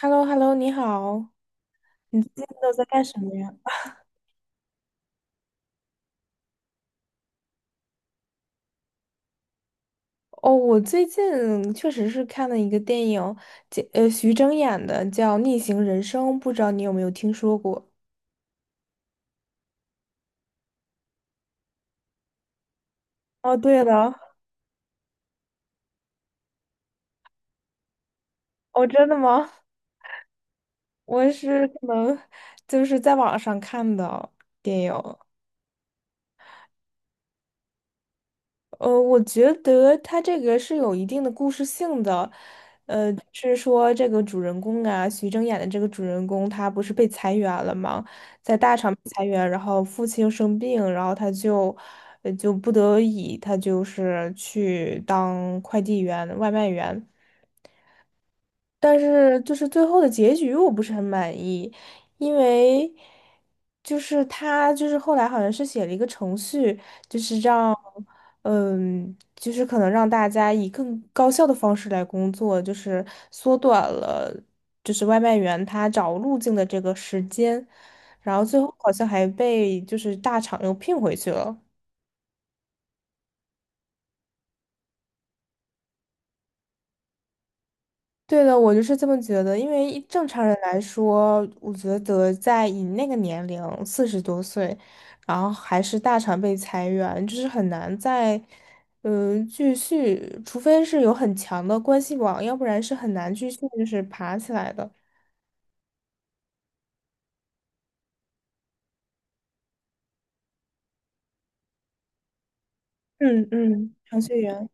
h e l l o h e l l o 你好，你最近都在干什么呀？哦，我最近确实是看了一个电影，叫徐峥演的，叫《逆行人生》，不知道你有没有听说过？哦，对了。哦，真的吗？我是可能就是在网上看的电影。我觉得他这个是有一定的故事性的。是说这个主人公啊，徐峥演的这个主人公，他不是被裁员了吗？在大厂被裁员，然后父亲又生病，然后他就，就不得已，他就是去当快递员、外卖员。但是就是最后的结局我不是很满意，因为就是他就是后来好像是写了一个程序，就是让就是可能让大家以更高效的方式来工作，就是缩短了就是外卖员他找路径的这个时间，然后最后好像还被就是大厂又聘回去了。对的，我就是这么觉得，因为一正常人来说，我觉得在你那个年龄，40多岁，然后还是大厂被裁员，就是很难再，继续，除非是有很强的关系网，要不然是很难继续就是爬起来的。嗯嗯，程序员。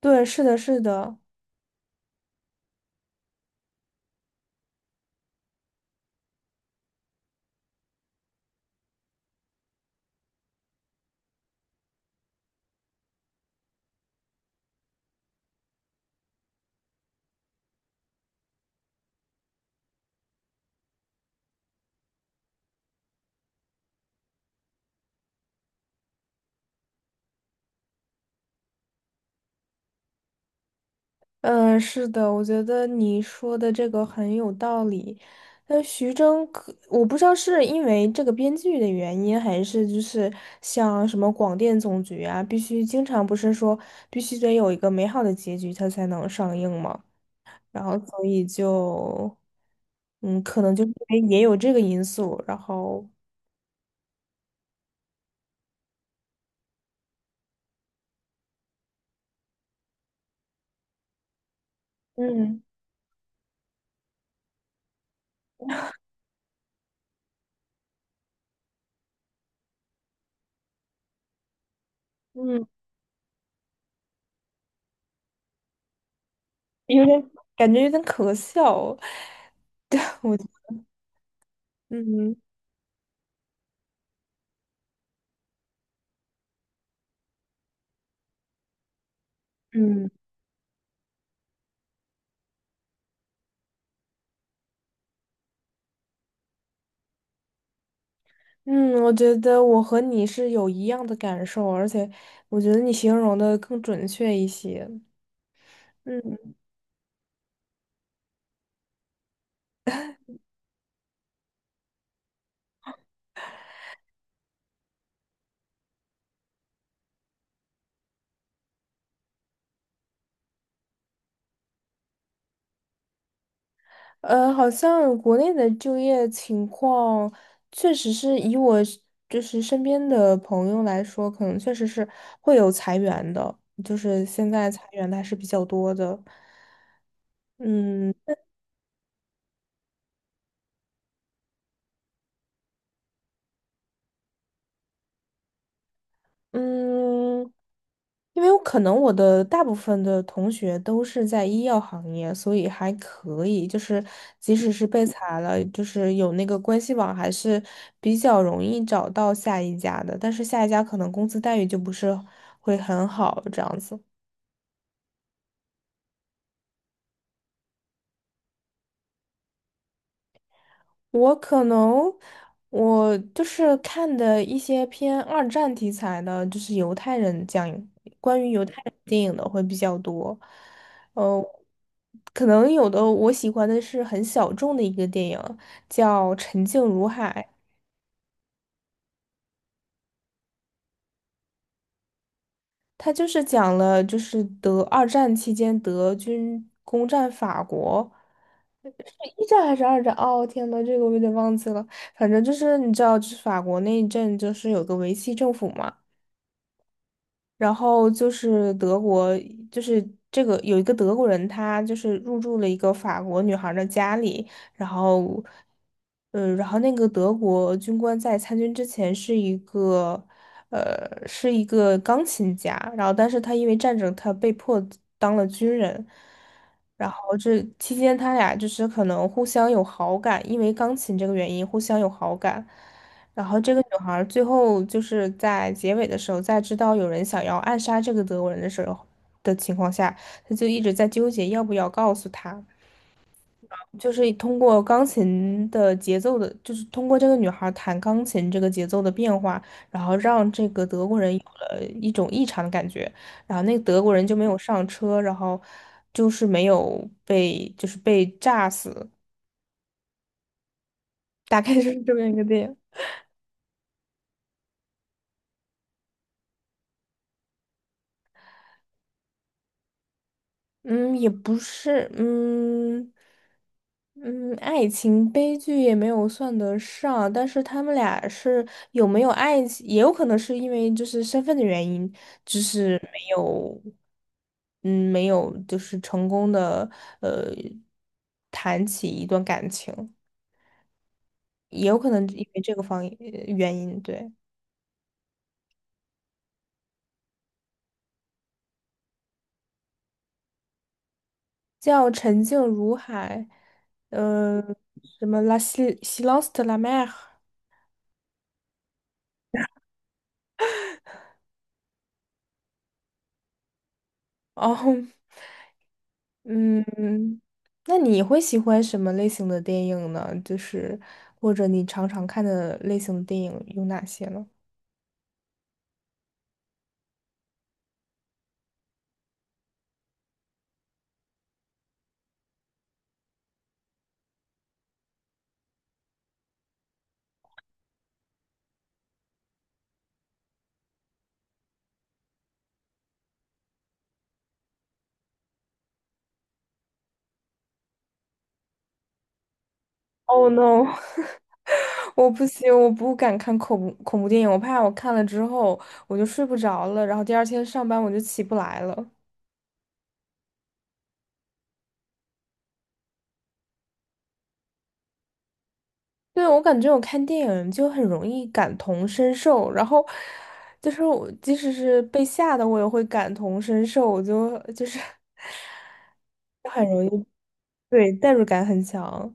对，是的，是的。嗯，是的，我觉得你说的这个很有道理。徐峥可我不知道是因为这个编剧的原因，还是就是像什么广电总局啊，必须经常不是说必须得有一个美好的结局，它才能上映嘛。然后所以就，嗯，可能就是因为也有这个因素，然后嗯嗯，有点感觉有点可笑。对，我嗯嗯。嗯，我觉得我和你是有一样的感受，而且我觉得你形容的更准确一些。嗯。好像国内的就业情况，确实是以我是就是身边的朋友来说，可能确实是会有裁员的，就是现在裁员的还是比较多的。嗯嗯，因为我可能我的大部分的同学都是在医药行业，所以还可以，就是即使是被裁了，就是有那个关系网，还是比较容易找到下一家的。但是下一家可能工资待遇就不是会很好，这样子。我可能我就是看的一些偏二战题材的，就是犹太人讲关于犹太人电影的会比较多。呃，可能有的我喜欢的是很小众的一个电影，叫《沉静如海》，它就是讲了就是德二战期间德军攻占法国。是一战还是二战？哦，天呐，这个我有点忘记了。反正就是你知道，就是法国那一阵，就是有个维希政府嘛。然后就是德国，就是这个有一个德国人，他就是入住了一个法国女孩儿的家里，然后，然后那个德国军官在参军之前是一个，是一个钢琴家，然后但是他因为战争，他被迫当了军人，然后这期间他俩就是可能互相有好感，因为钢琴这个原因互相有好感。然后这个女孩儿最后就是在结尾的时候，在知道有人想要暗杀这个德国人的时候的情况下，她就一直在纠结要不要告诉他。就是通过钢琴的节奏的，就是通过这个女孩儿弹钢琴这个节奏的变化，然后让这个德国人有了一种异常的感觉，然后那个德国人就没有上车，然后就是没有被就是被炸死，大概就是这么一个电影。嗯，也不是。嗯嗯，爱情悲剧也没有算得上，但是他们俩是有没有爱情，也有可能是因为就是身份的原因，就是没有，嗯，没有就是成功的呃谈起一段感情，也有可能因为这个方原因，对。叫沉静如海。呃，什么 Silence de la mer。哦。嗯，那你会喜欢什么类型的电影呢？就是或者你常常看的类型的电影有哪些呢？Oh no，我不行，我不敢看恐怖电影，我怕我看了之后我就睡不着了，然后第二天上班我就起不来了。对，我感觉我看电影就很容易感同身受，然后就是我即使是被吓的，我也会感同身受，我 就很容易。对，代入感很强。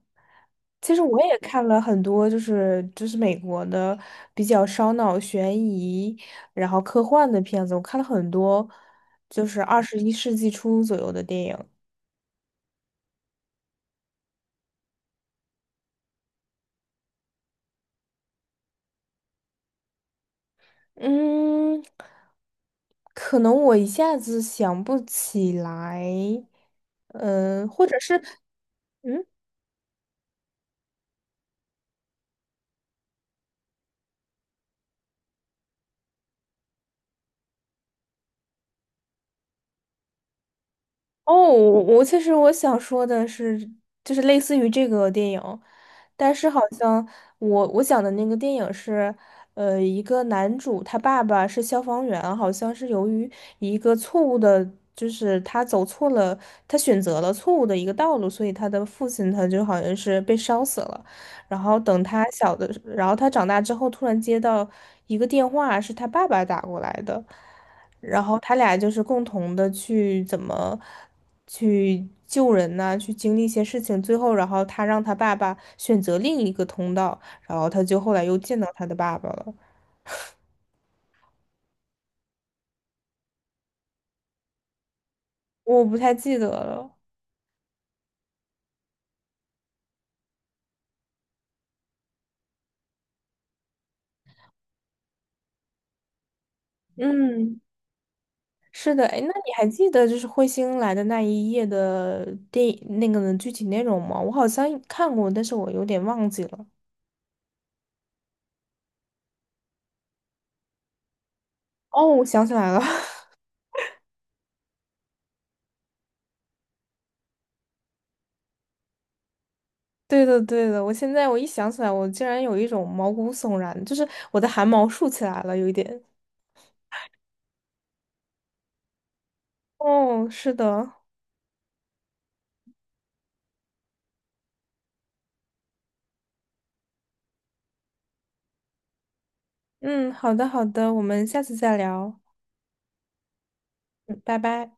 其实我也看了很多，就是就是美国的比较烧脑、悬疑，然后科幻的片子，我看了很多，就是21世纪初左右的电影。嗯，可能我一下子想不起来。嗯、或者是，嗯。哦，我其实我想说的是，就是类似于这个电影，但是好像我想的那个电影是，一个男主他爸爸是消防员，好像是由于一个错误的，就是他走错了，他选择了错误的一个道路，所以他的父亲他就好像是被烧死了。然后等他小的，然后他长大之后突然接到一个电话，是他爸爸打过来的。然后他俩就是共同的去怎么去救人呐、去经历一些事情，最后然后他让他爸爸选择另一个通道，然后他就后来又见到他的爸爸了。我不太记得了。嗯，是的，哎，那你还记得就是彗星来的那一夜的电影那个的具体内容吗？我好像看过，但是我有点忘记了。哦，我想起来了。对的，对的，我现在我一想起来，我竟然有一种毛骨悚然，就是我的汗毛竖起来了，有一点。哦，是的，嗯，好的，好的，我们下次再聊。嗯，拜拜。